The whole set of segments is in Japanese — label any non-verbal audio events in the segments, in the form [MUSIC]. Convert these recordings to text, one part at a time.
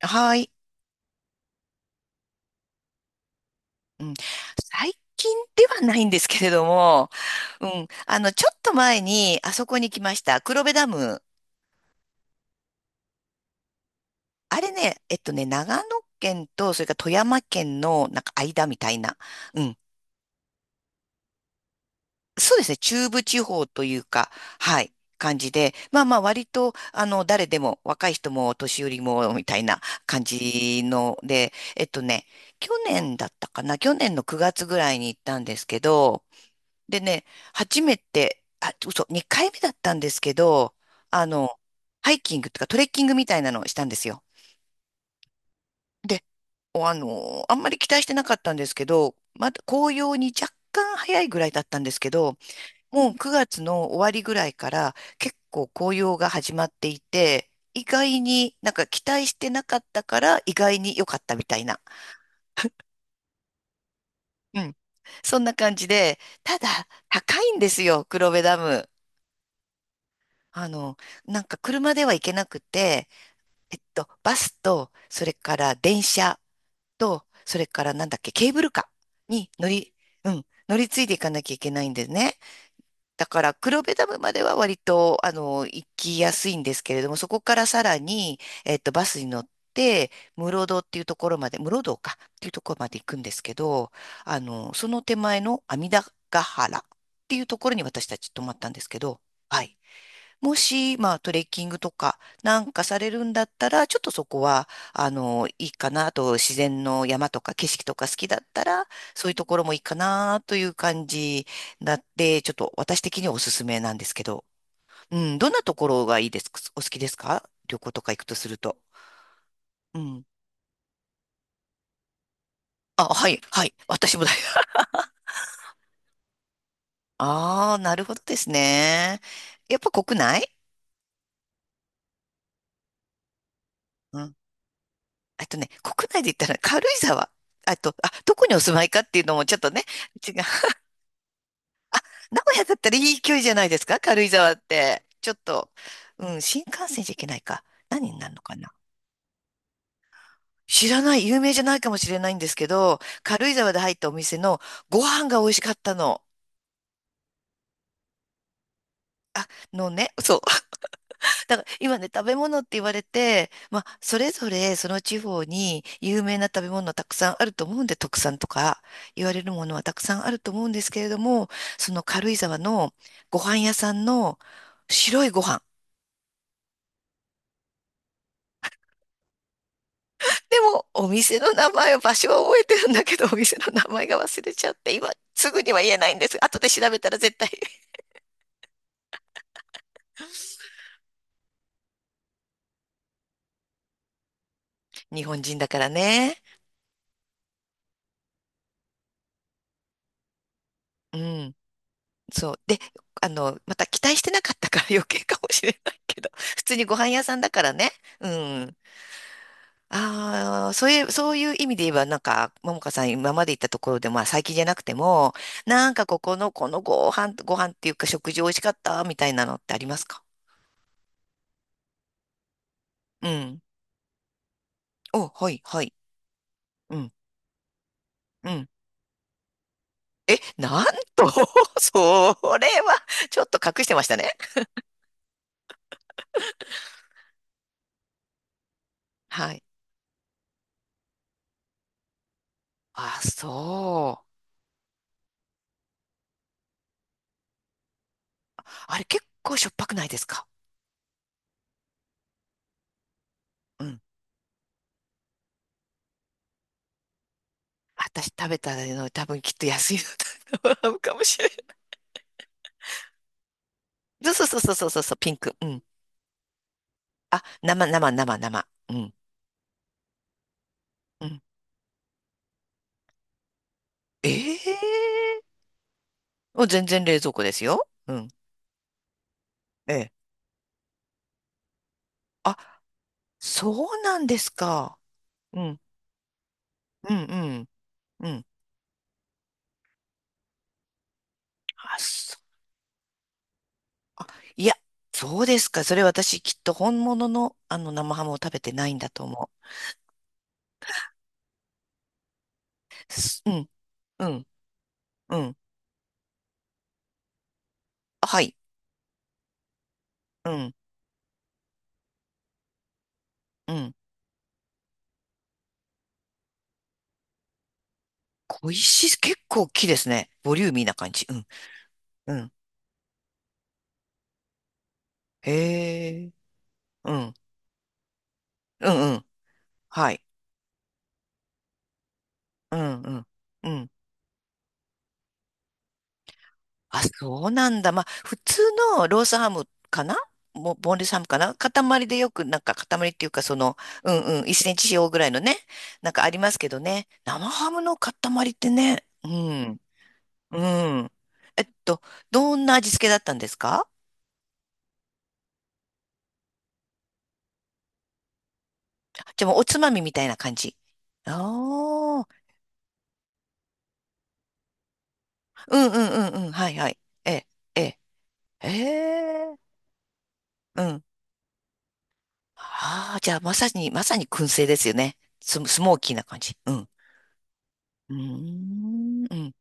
はい。うん。最近ではないんですけれども、うん。ちょっと前に、あそこに来ました。黒部ダム。あれね、長野県と、それから富山県の、なんか間みたいな。うん。そうですね。中部地方というか、はい。感じで。まあまあ、割と、誰でも、若い人も、お年寄りも、みたいな感じので、去年だったかな。去年の9月ぐらいに行ったんですけど、でね、初めて、あ、嘘、2回目だったんですけど、あの、ハイキングとかトレッキングみたいなのをしたんですよ。で、おあの、あんまり期待してなかったんですけど、まだ紅葉に若干早いぐらいだったんですけど、もう9月の終わりぐらいから結構紅葉が始まっていて、意外になんか期待してなかったから意外に良かったみたいな。うん。そんな感じで、ただ高いんですよ、黒部ダム。あの、なんか車では行けなくて、バスと、それから電車と、それからなんだっけ、ケーブルカーに乗り、うん、乗り継いでいかなきゃいけないんですね。だから、黒部ダムまでは割と、行きやすいんですけれども、そこからさらに、バスに乗って、室堂っていうところまで、室堂かっていうところまで行くんですけど、その手前の阿弥陀ヶ原っていうところに私たち泊まったんですけど、はい。もし、まあ、トレッキングとかなんかされるんだったら、ちょっとそこは、いいかな。あと、自然の山とか景色とか好きだったら、そういうところもいいかなという感じだって、ちょっと私的にはおすすめなんですけど。うん、どんなところがいいですかお好きですか旅行とか行くとすると。うん。あ、はい、はい。私もだよ。[LAUGHS] ああ、なるほどですね。やっぱ国内うん。国内で言ったら軽井沢。あと、あ、どこにお住まいかっていうのもちょっとね、違う。名古屋だったらいい距離じゃないですか軽井沢って。ちょっと、うん、新幹線じゃいけないか。何になるのかな知らない、有名じゃないかもしれないんですけど、軽井沢で入ったお店のご飯が美味しかったの。あ、のね、そう。[LAUGHS] だから今ね、食べ物って言われて、まあ、それぞれその地方に有名な食べ物たくさんあると思うんで、特産とか言われるものはたくさんあると思うんですけれども、その軽井沢のご飯屋さんの白いご飯。でも、お店の名前を、場所は覚えてるんだけど、お店の名前が忘れちゃって、今、すぐには言えないんです。後で調べたら絶対 [LAUGHS] 日本人だからね。うん。そう。で、また期待してなかったから余計かもしれないけど、普通にご飯屋さんだからね。うん。ああ、そういう意味で言えば、なんか、ももかさん今まで行ったところで、まあ最近じゃなくても、なんかここの、ご飯っていうか食事美味しかったみたいなのってありますかうん。お、はい、はい。うん。うんえ、なんと、[LAUGHS] それは、ちょっと隠してましたね。はい。あ、そう。あれ、結構しょっぱくないですかうん。私食べたの、多分きっと安いのだと思うかもしれない。そうそうそうそうそうそう、ピンク。うん。あ、生。うん。うん。ええーもう全然冷蔵庫ですよ。うん。ええ。あ、そうなんですか。うん。うん、うん。うん。あ、そういそうですか。それ私きっと本物のあの生ハムを食べてないんだと思う。すうん、うん、うん。あはい。うん、うん。小石、結構大きいですね。ボリューミーな感じ。うん、うん。へえ。うん、うん、うん。はい。うん、うん、うん。あ、そうなんだ。まあ、普通のロースハムかなもボンレスハムかな塊でよく、なんか塊っていうか、その、うんうん、1センチ四方ぐらいのね、なんかありますけどね。生ハムの塊ってね、うん。うん。えっと、どんな味付けだったんですかじゃあもうおつまみみたいな感じ。ああ、うんうんうんうん。はいはい。ええ、ええ、ええ、うん。ああ、じゃあまさに、まさに燻製ですよね。スモーキーな感じ。うん。うーん。うん。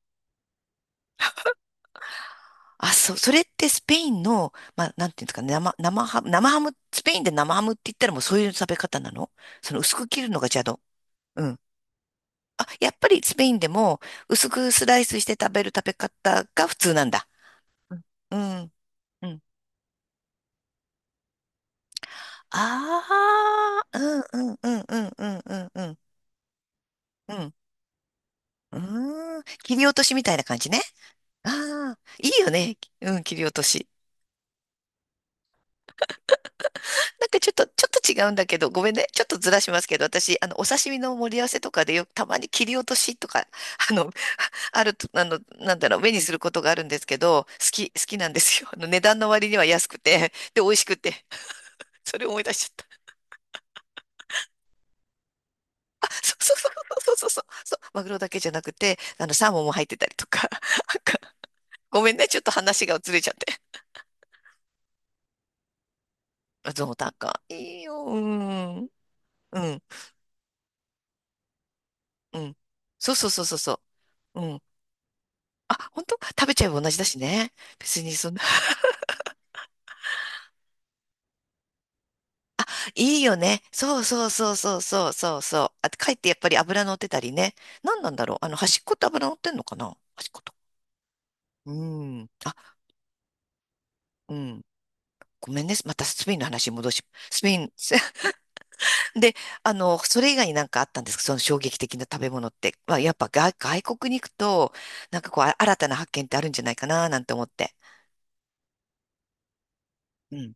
あ、それってスペインの、まあ、なんていうんですかね、生ハム、スペインで生ハムって言ったらもうそういう食べ方なのその薄く切るのがじゃあの、うん。あ、やっぱりスペインでも薄くスライスして食べる食べ方が普通なんだ。うんうん。ああ、うんうんうんうんうんうんうんうん。うん。うーん。切り落としみたいな感じね。ああ、いいよね。うん、切り落とし。なんかちょっと、ちょっと違うんだけど、ごめんね。ちょっとずらしますけど、私、お刺身の盛り合わせとかでよくたまに切り落としとか、[LAUGHS] あの、[LAUGHS] あると、なんだろう、目にすることがあるんですけど、好きなんですよ。値段の割には安くて、で、美味しくて。それ思い出しちゃった。あ、そうそうそうそうそうそう、そう、マグロだけじゃなくて、サーモンも入ってたりとか、なんか、ごめんね。ちょっと話がずれちゃって。あゾウタンか。いいよ。うん。うん。うん。そうそうそうそうそう。うん。あ、本当食べちゃえば同じだしね。別にそんな、[LAUGHS] いいよね。そうそうそうそうそうそうそう。あ、かえってやっぱり油乗ってたりね。何なんだろう。端っこって油乗ってんのかな端っこと。うん。あ、うん。ごめんね。またスペインの話に戻し、スペイン。[LAUGHS] で、それ以外になんかあったんですかその衝撃的な食べ物って。まあ、やっぱ外国に行くと、なんかこう、あ新たな発見ってあるんじゃないかな、なんて思って。うん。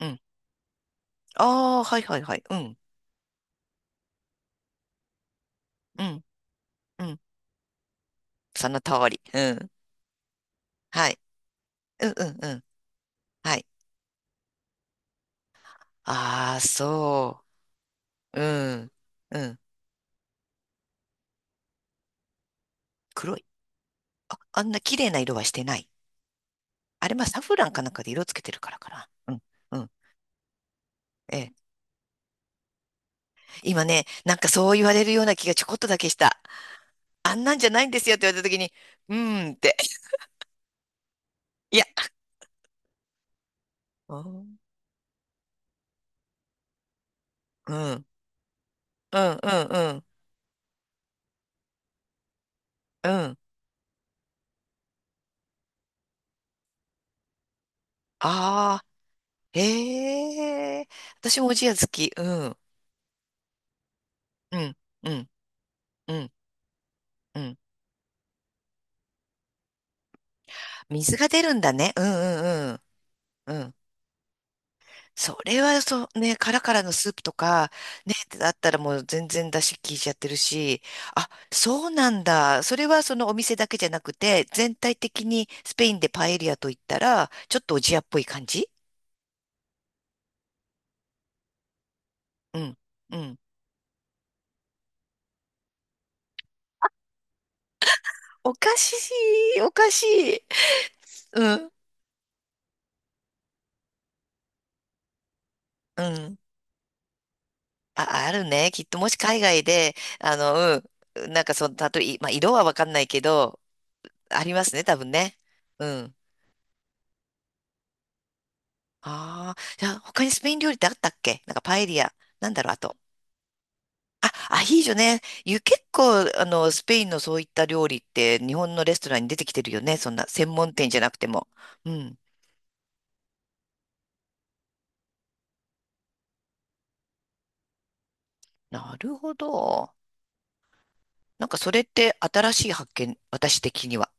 うん。ああ、はいはいはい。うん。うん。うん。その通り。うん。はい。うんうんうん。はい。ああ、そう。うん。うん。黒い。あ、あんな綺麗な色はしてない。あれ、まあ、サフランかなんかで色つけてるからかな。うん。うん。ええ。今ね、なんかそう言われるような気がちょこっとだけした。あんなんじゃないんですよって言われた時に、うーんって。いや。うんうんうん。うんうん。うんああ、へえ。私もおじや好き。うん。うん。うん。うん。うん。水が出るんだね。うんうんうん。うん。それはそう、ね、カラカラのスープとか、ね、だったらもう全然出汁効いちゃってるし、あ、そうなんだ。それはそのお店だけじゃなくて、全体的にスペインでパエリアと言ったら、ちょっとおじやっぽい感じうん、うん。おかしおかしい。うん、うん。あ、あるね。きっともし海外で、あの、うん、なんかその、たとえ、まあ、色はわかんないけど、ありますね、多分ね。うん。ああ、じゃあ他にスペイン料理ってあったっけなんかパエリア。なんだろう、あと。あ、アヒージョね。ゆ結構、スペインのそういった料理って日本のレストランに出てきてるよね。そんな専門店じゃなくても。うん。なるほど。なんかそれって新しい発見、私的には。